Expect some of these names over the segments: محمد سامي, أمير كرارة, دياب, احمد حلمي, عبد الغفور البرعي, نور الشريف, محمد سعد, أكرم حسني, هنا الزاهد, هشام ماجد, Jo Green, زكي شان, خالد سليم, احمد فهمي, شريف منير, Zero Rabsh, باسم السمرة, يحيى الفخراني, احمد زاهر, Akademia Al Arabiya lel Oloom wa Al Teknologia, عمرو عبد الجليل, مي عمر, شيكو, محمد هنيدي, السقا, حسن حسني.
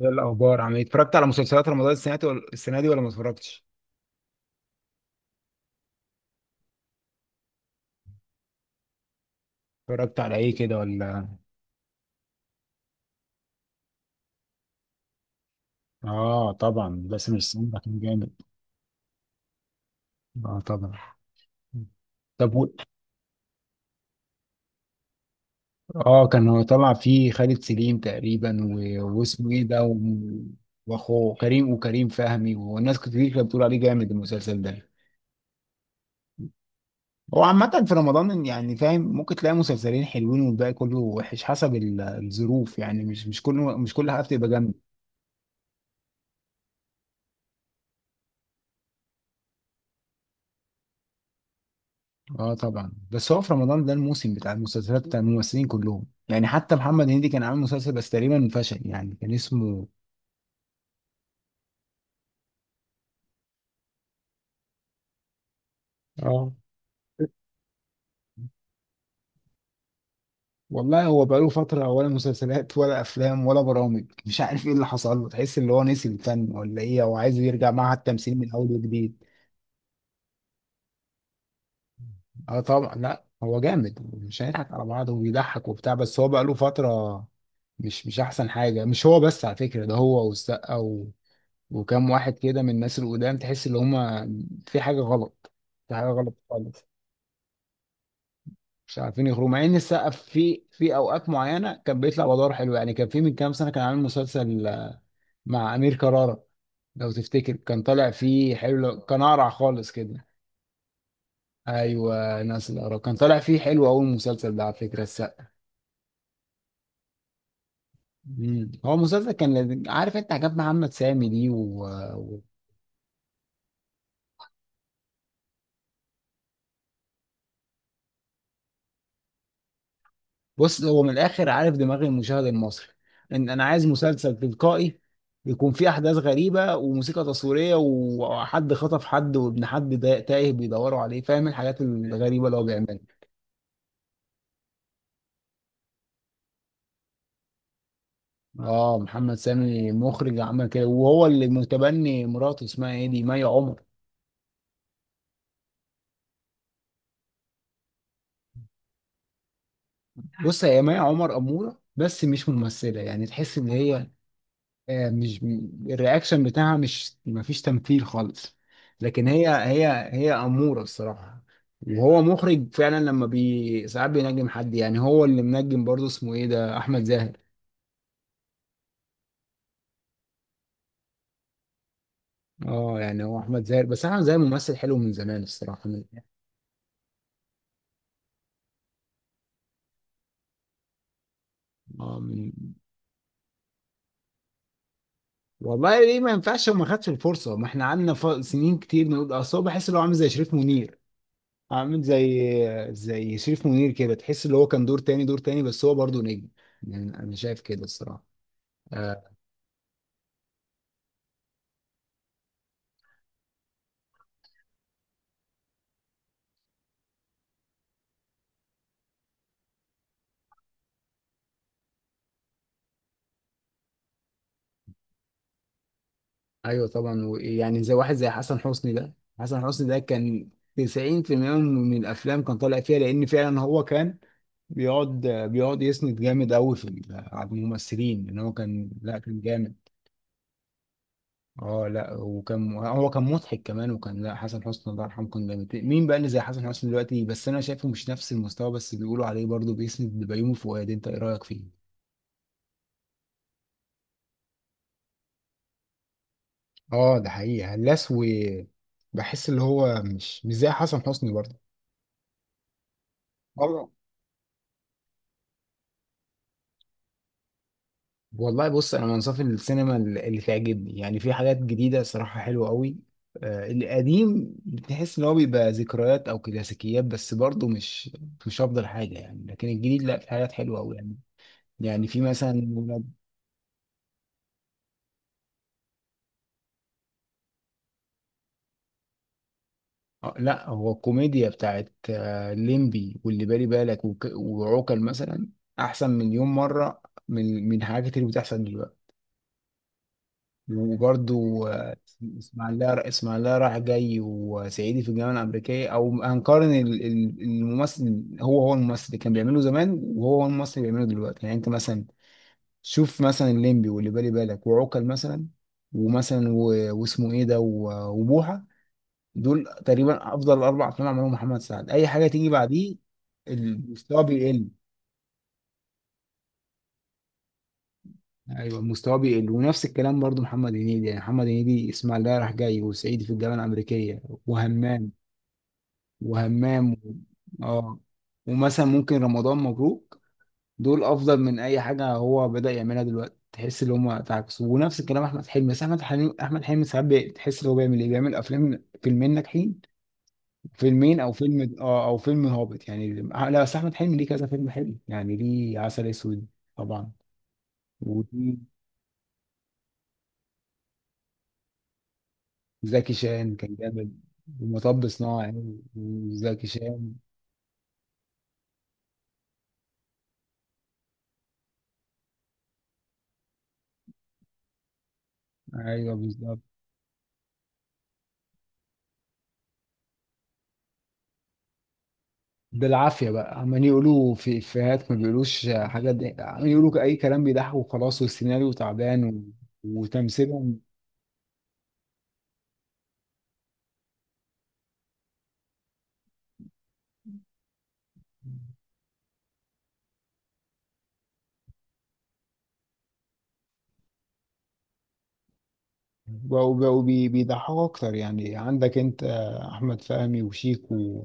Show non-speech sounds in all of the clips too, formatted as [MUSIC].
ايه الاخبار؟ عم اتفرجت على مسلسلات رمضان السنه دي؟ ولا ما اتفرجتش؟ اتفرجت على ايه كده؟ ولا اه طبعا، باسم السمرة ده كان جامد. اه طبعا. طب و... اه، كان هو طلع فيه خالد سليم تقريبا، و... واسمه ايه ده؟ و... واخوه كريم، وكريم فهمي، والناس كتير كانت بتقول عليه جامد المسلسل ده. هو عامة في رمضان، يعني فاهم، ممكن تلاقي مسلسلين حلوين والباقي كله وحش حسب الظروف، يعني مش كله، مش كل حاجة بتبقى جامدة. اه طبعا، بس هو في رمضان ده الموسم بتاع المسلسلات، بتاع الممثلين كلهم، يعني حتى محمد هنيدي كان عامل مسلسل بس تقريبا فشل، يعني كان اسمه اه. والله هو بقاله فترة ولا مسلسلات ولا أفلام ولا برامج، مش عارف إيه اللي حصل له، تحس اللي هو نسي الفن ولا إيه، هو عايز يرجع معهد التمثيل من أول وجديد. اه طبعا، لا هو جامد مش هنضحك على بعض، وبيضحك وبتاع، بس هو بقى له فترة مش احسن حاجة. مش هو بس على فكرة، ده هو والسقا و... وكام واحد كده من الناس القدام، تحس ان هما في حاجة غلط، في حاجة غلط خالص. مش عارفين يخرجوا، مع ان السقا في اوقات معينة كان بيطلع بأدوار حلوة، يعني كان في من كام سنة كان عامل مسلسل مع أمير كرارة. لو تفتكر كان طالع فيه حلو، كان أقرع خالص كده. ايوه، ناس الأقرع، كان طالع فيه حلو أوي المسلسل ده على فكرة السقا. مم. هو المسلسل كان لذيذ. عارف انت حاجات محمد سامي دي و... و- بص هو من الاخر عارف دماغ المشاهد المصري، ان انا عايز مسلسل تلقائي يكون فيه احداث غريبه، وموسيقى تصويريه، وحد خطف حد، وابن حد تايه بيدوروا عليه، فاهم الحاجات الغريبه اللي هو بيعملها. اه، محمد سامي مخرج عمل كده، وهو اللي متبني مراته اسمها ايه دي، مي عمر. بص هي مي عمر اموره بس مش ممثله، يعني تحس ان هي مش الرياكشن بتاعها مش، مفيش تمثيل خالص، لكن هي هي أمورة الصراحة. وهو مخرج فعلا، لما بي ساعات بينجم حد، يعني هو اللي منجم برضه اسمه ايه ده، احمد زاهر. اه يعني هو احمد زاهر، بس احمد زاهر ممثل حلو من زمان الصراحة، من اه، من والله ليه ما ينفعش؟ ما خدش الفرصة، ما احنا قعدنا سنين كتير نقول، اصل هو بحس ان هو عامل زي شريف منير، عامل زي زي شريف منير كده، تحس ان هو كان دور تاني، دور تاني، بس هو برضه نجم، يعني انا شايف كده الصراحة. آه. ايوه طبعا، ويعني زي واحد زي حسن حسني ده، حسن حسني ده كان 90% من الافلام كان طالع فيها، لان فعلا هو كان بيقعد يسند جامد قوي في على الممثلين، ان هو كان لا كان جامد. اه لا، وكان هو كان مضحك كمان، وكان لا حسن حسني الله يرحمه كان جامد. مين بقى اللي زي حسن حسني دلوقتي؟ بس انا شايفه مش نفس المستوى، بس بيقولوا عليه برضه بيسند لبيومي فؤاد، انت ايه رايك فيه؟ اه ده حقيقي هلاس، و بحس اللي هو مش زي حسن حسني برضه. والله بص، انا من صف السينما اللي، اللي تعجبني، يعني في حاجات جديده صراحه حلوه قوي. القديم بتحس ان هو بيبقى ذكريات او كلاسيكيات، بس برضه مش افضل حاجه يعني، لكن الجديد لا في حاجات حلوه قوي يعني. يعني في مثلا لا هو الكوميديا بتاعت ليمبي واللي بالي بالك وعوكل مثلا، احسن مليون مره من، من حاجات كتير بتحصل دلوقتي. وبرضو آه، اسماعيليه، اسماعيليه رايح جاي، وصعيدي في الجامعه الامريكيه، او هنقارن الممثل هو، هو الممثل اللي كان بيعمله زمان، وهو هو الممثل اللي بيعمله دلوقتي، يعني انت مثلا، شوف مثلا الليمبي واللي بالي بالك وعوكل مثلا، ومثلا واسمه ايه ده، وبوحه، دول تقريبا افضل اربع افلام عملهم محمد سعد، اي حاجه تيجي بعديه المستوى بيقل. ايوه المستوى بيقل، ونفس الكلام برضو محمد هنيدي، يعني محمد هنيدي اسماعيليه رايح جاي، وصعيدي في الجامعه الامريكيه، وهمام، وهمام و... اه، ومثلا ممكن رمضان مبروك، دول افضل من اي حاجه هو بدأ يعملها دلوقتي، تحس ان هم تعكسوا. ونفس الكلام احمد حلمي، بس احمد حلمي، احمد حلمي ساعات تحس ان هو بيعمل ايه، بيعمل افلام فيلمين ناجحين، فيلمين او فيلم اه، او فيلم هابط يعني. لا بس احمد حلمي ليه كذا فيلم حلو، يعني ليه عسل اسود طبعا، وليه زكي شان كان جامد، ومطب صناعي، وزكي شان. ايوه بالظبط. بالعافية بقى، عمالين يقولوا في إفيهات ما بيقولوش حاجة دي، عمالين يقولوا أي كلام، بيضحكوا وخلاص، والسيناريو تعبان، و... وتمثيلهم. بيضحكوا أكتر، يعني عندك أنت أحمد فهمي وشيك و...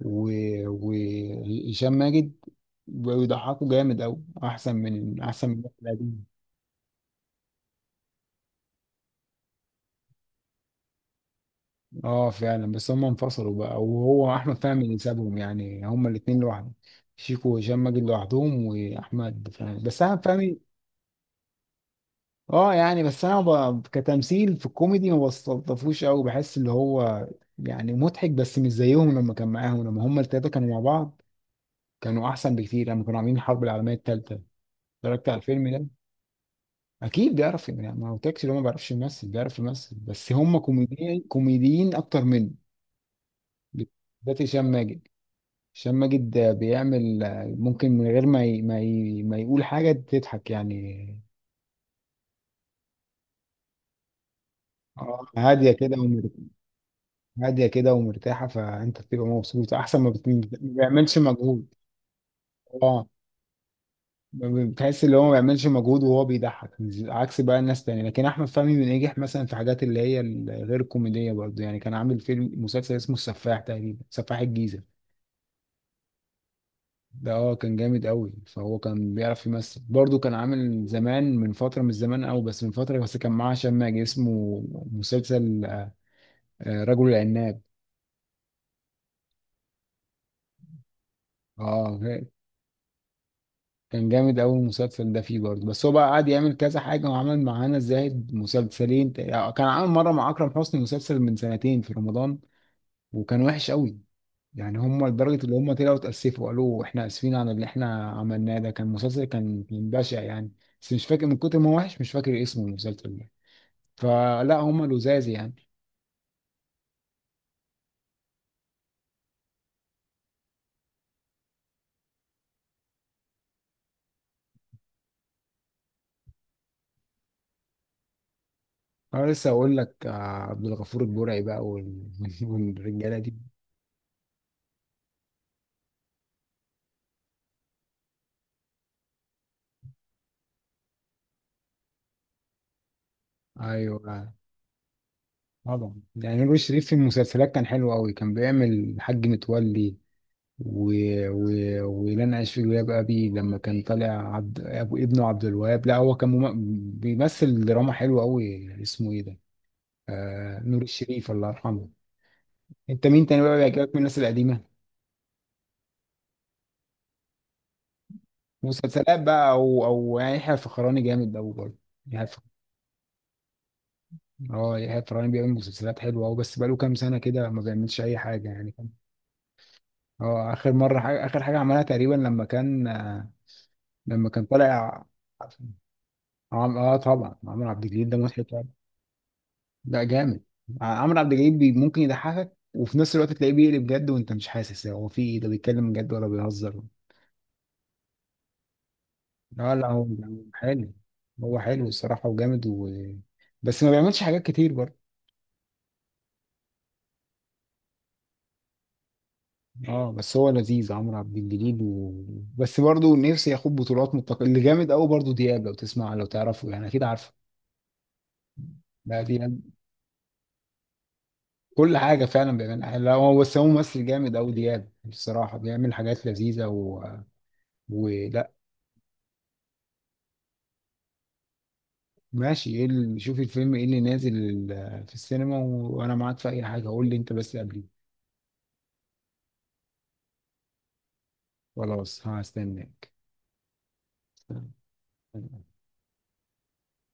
و... وهشام ماجد، بقوا يضحكوا جامد أوي، أحسن من، أحسن من الوقت القديم. أه فعلا، بس هم انفصلوا بقى، وهو أحمد فهمي اللي سابهم، يعني هما الاتنين لوحدهم، شيكو وهشام ماجد لوحدهم، وأحمد فهمي، بس أحمد فهمي اه يعني. بس انا كتمثيل في الكوميدي ما بستلطفوش قوي، بحس اللي هو يعني مضحك بس مش زيهم لما كان معاهم، لما هم التلاته كانوا مع بعض كانوا احسن بكتير، لما كانوا عاملين الحرب العالميه التالته، اتفرجت على الفيلم ده؟ اكيد بيعرف، يعني ما قلتلكش اللي هو ما بيعرفش يمثل، بيعرف يمثل، بس هم كوميديين اكتر منه، بالذات هشام ماجد. هشام ماجد ده بيعمل، ممكن من غير ما ما يقول حاجه تضحك يعني. اه هاديه كده، هاديه كده ومرتاحه، فانت بتبقى مبسوط، احسن ما ما بيعملش مجهود. اه ما بتحس اللي هو ما بيعملش مجهود وهو بيضحك، عكس بقى الناس تانية. لكن احمد فهمي بينجح مثلا في حاجات اللي هي الغير كوميديه برضه، يعني كان عامل فيلم مسلسل اسمه السفاح تقريبا، سفاح الجيزه ده، اه كان جامد قوي. فهو كان بيعرف يمثل برضه، كان عامل زمان، من فتره، مش زمان قوي بس من فتره، بس كان معاه هشام ماجد، اسمه مسلسل رجل العناب. اه كان جامد أوي المسلسل ده فيه برضه، بس هو بقى قعد يعمل كذا حاجة، وعمل مع هنا الزاهد مسلسلين كان عامل مرة مع أكرم حسني مسلسل من سنتين في رمضان، وكان وحش أوي، يعني هم لدرجة اللي هم طلعوا اتأسفوا، قالوا إحنا آسفين على اللي إحنا عملناه ده، كان مسلسل كان، كان بشع يعني، بس مش فاكر من كتر ما هو وحش مش فاكر اسمه المسلسل ده، فلا هم لزاز يعني. أنا لسه أقول لك عبد الغفور البرعي بقى، [LAUGHS] والرجالة دي، أيوه طبعا. يعني نور الشريف في المسلسلات كان حلو قوي، كان بيعمل حاج متولي و... و... ولن اعيش في جلباب ابي، لما كان طالع ابو ابنه عبد الوهاب. لا هو كان بيمثل دراما حلوه قوي اسمه ايه ده، آه... نور الشريف الله يرحمه. انت مين تاني بقى بيعجبك من الناس القديمه؟ مسلسلات بقى، او او يعني يحيى الفخراني جامد قوي برضه، يحيى الف- اه يحيى الفخراني بيعمل مسلسلات حلوه قوي، بس بقاله كام سنه كده ما بيعملش اي حاجه يعني. اه اخر مره اخر حاجه عملها تقريبا لما كان لما كان طالع. اه طبعا عمرو عبد الجليل ده مضحك أوي. لا جامد، عمرو عبد الجليل ممكن يضحكك وفي نفس الوقت تلاقيه بيقلب جد، وانت مش حاسس هو في إيه، ده بيتكلم جد ولا بيهزر. لا هو حلو، هو حلو الصراحة وجامد و... بس ما بيعملش حاجات كتير برضه. اه بس هو لذيذ عمرو عبد الجليل و... بس برضه نفسي ياخد بطولات. متقل اللي جامد قوي برضه، دياب، لو تسمع لو تعرفه يعني، اكيد عارفه. لا دياب كل حاجة فعلا بيعملها حلو. لا هو بس هو ممثل جامد أوي دياب بصراحة، بيعمل حاجات لذيذة و... ولا ماشي. ايه اللي، شوف الفيلم ايه اللي نازل في السينما و... وأنا معاك في أي حاجة، قول لي أنت بس قبلي. خلاص هستناك.